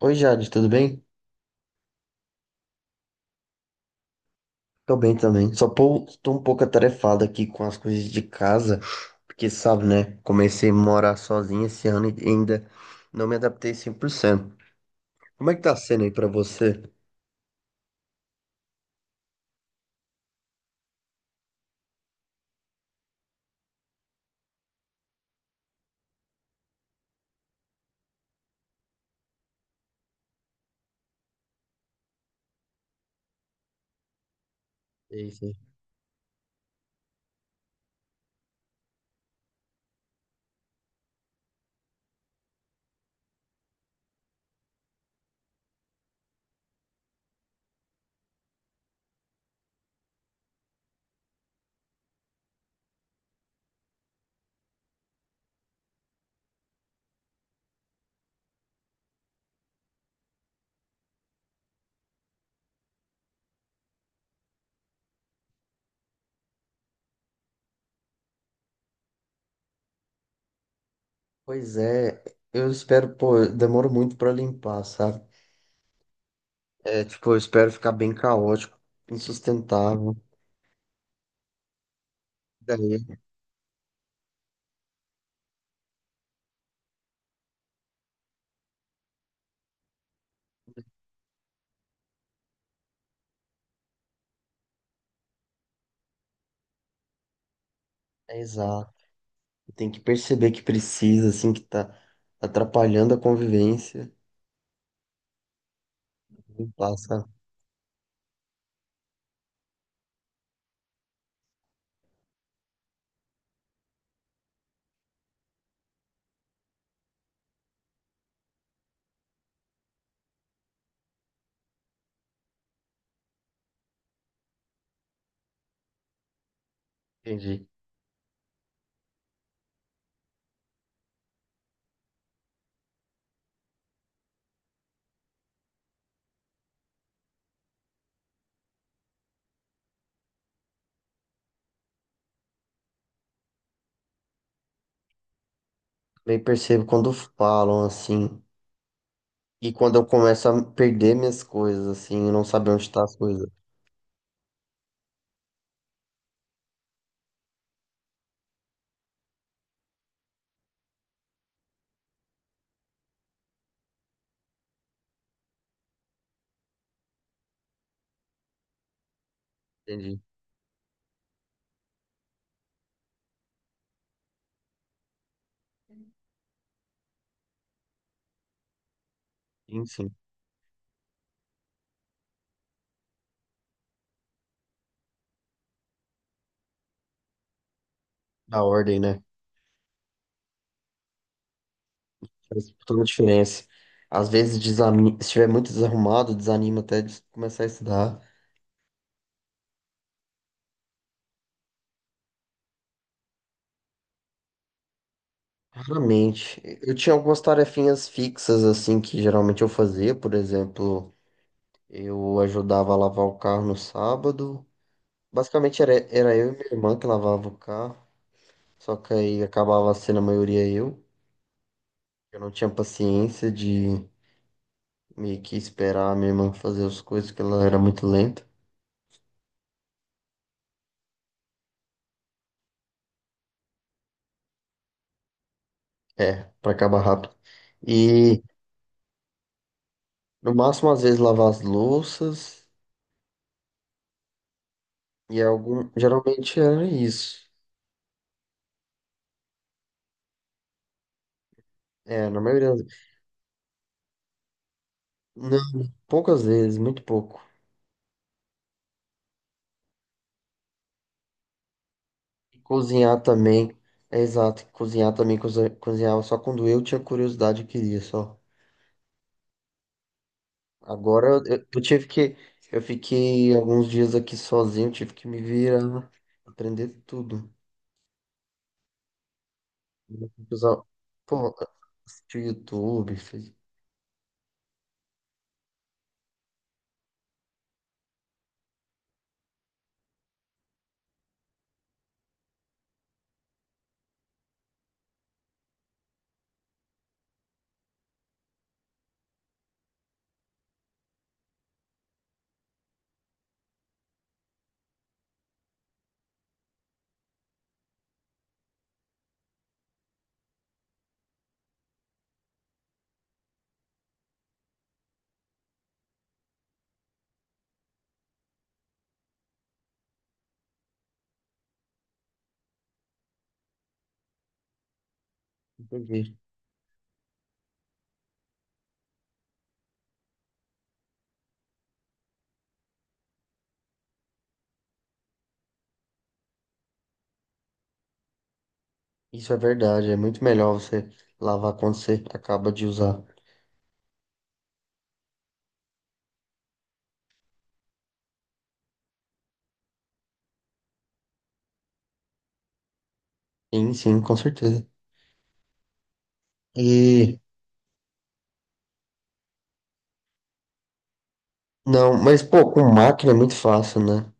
Oi, Jade, tudo bem? Tô bem também. Tô um pouco atarefado aqui com as coisas de casa, porque sabe, né? Comecei a morar sozinho esse ano e ainda não me adaptei 100%. Como é que tá sendo aí pra você? Sei, sei. Pois é, eu espero, pô, eu demoro muito pra limpar, sabe? É, tipo, eu espero ficar bem caótico, insustentável. Daí, é exato. Tem que perceber que precisa, assim, que tá atrapalhando a convivência. Limpar, sabe? Entendi. Eu percebo quando falam assim. E quando eu começo a perder minhas coisas, assim, e não saber onde tá as coisas. Entendi. Sim, sim. Da ordem, né? Faz toda a diferença. Às vezes, desani... se estiver muito desarrumado, desanima até de começar a estudar. Raramente. Eu tinha algumas tarefinhas fixas, assim, que geralmente eu fazia. Por exemplo, eu ajudava a lavar o carro no sábado. Basicamente, era eu e minha irmã que lavava o carro. Só que aí acabava sendo a maioria eu. Eu não tinha paciência de meio que esperar a minha irmã fazer as coisas, que ela era muito lenta. É, pra acabar rápido. E no máximo, às vezes, lavar as louças e algum. Geralmente era isso. É, na maioria das vezes. Não, poucas vezes, muito pouco. E cozinhar também. É exato, cozinhar também, cozinhava só quando eu tinha curiosidade e queria só. Agora eu tive que. Eu fiquei alguns dias aqui sozinho, tive que me virar, aprender tudo. Usar, pô, assistir o YouTube, entendi. Isso é verdade, é muito melhor você lavar quando você acaba de usar. Sim, sim, com certeza. E não, mas pô, com máquina é muito fácil, né?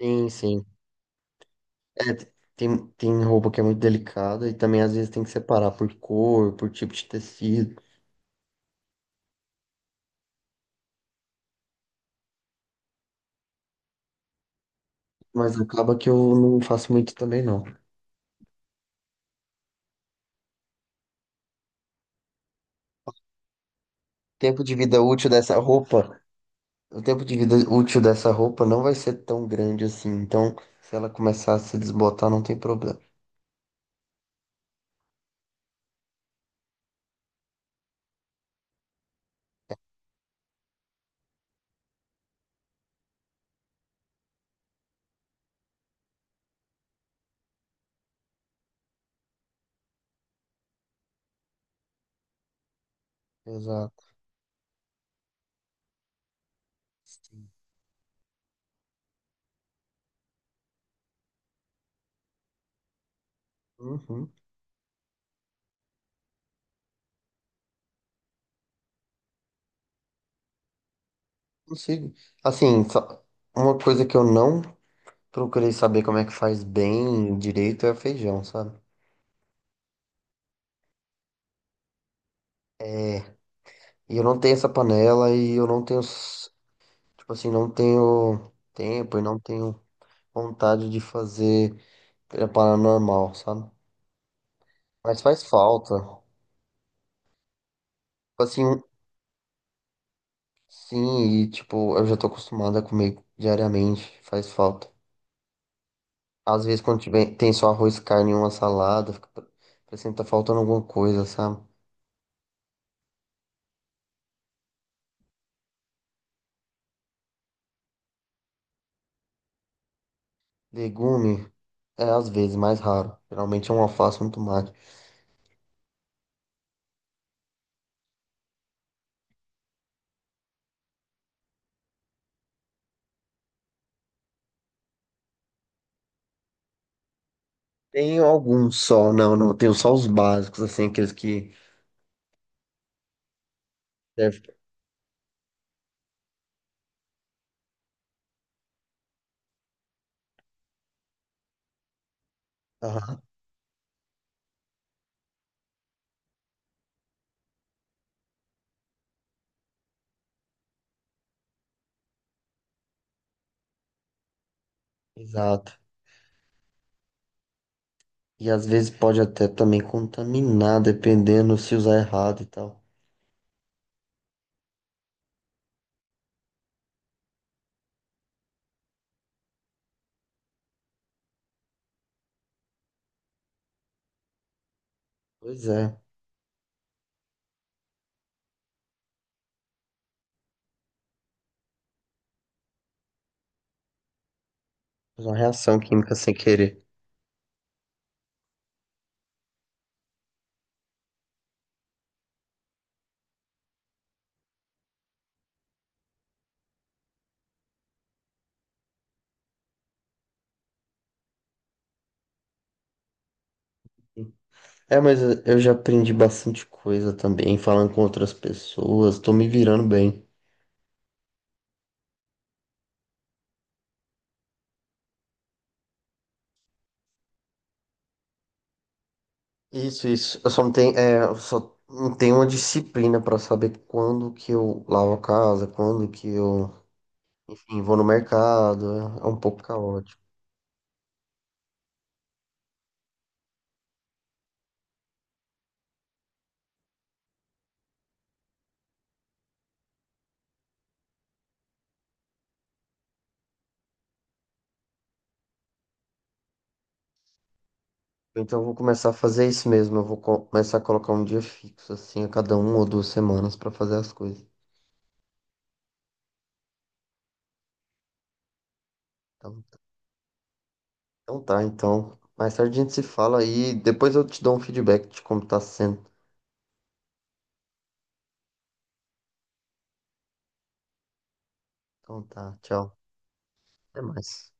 Sim, sim. É, tem, tem roupa que é muito delicada e também às vezes tem que separar por cor, por tipo de tecido. Mas acaba que eu não faço muito também, não. Tempo de vida útil dessa roupa. O tempo de vida útil dessa roupa não vai ser tão grande assim. Então, se ela começar a se desbotar, não tem problema. Exato. Uhum. Consigo. Assim, só uma coisa que eu não procurei saber como é que faz bem direito é feijão, sabe? E eu não tenho essa panela e eu não tenho, tipo assim, não tenho tempo e não tenho vontade de fazer preparar normal, sabe? Mas faz falta. Tipo. Assim, sim, e tipo, eu já tô acostumada a comer diariamente, faz falta. Às vezes quando tiver, tem só arroz, carne e uma salada, fica parecendo que tá faltando alguma coisa, sabe? Legume, é às vezes mais raro. Geralmente é um alface e um tomate. Tenho alguns só, não, não, tenho só os básicos, assim, aqueles que servem. Aham, exato. E às vezes pode até também contaminar, dependendo se usar errado e tal. Pois é, faz uma reação química sem querer. É, mas eu já aprendi bastante coisa também, falando com outras pessoas, tô me virando bem. Isso, isso. Eu só não tenho, é, eu só não tenho uma disciplina pra saber quando que eu lavo a casa, quando que eu, enfim, vou no mercado. É é um pouco caótico. Então eu vou começar a fazer isso mesmo. Eu vou começar a colocar um dia fixo, assim, a cada uma ou duas semanas pra fazer as coisas. Então, então tá, então. Mais tarde a gente se fala e depois eu te dou um feedback de como tá sendo. Então tá, tchau. Até mais.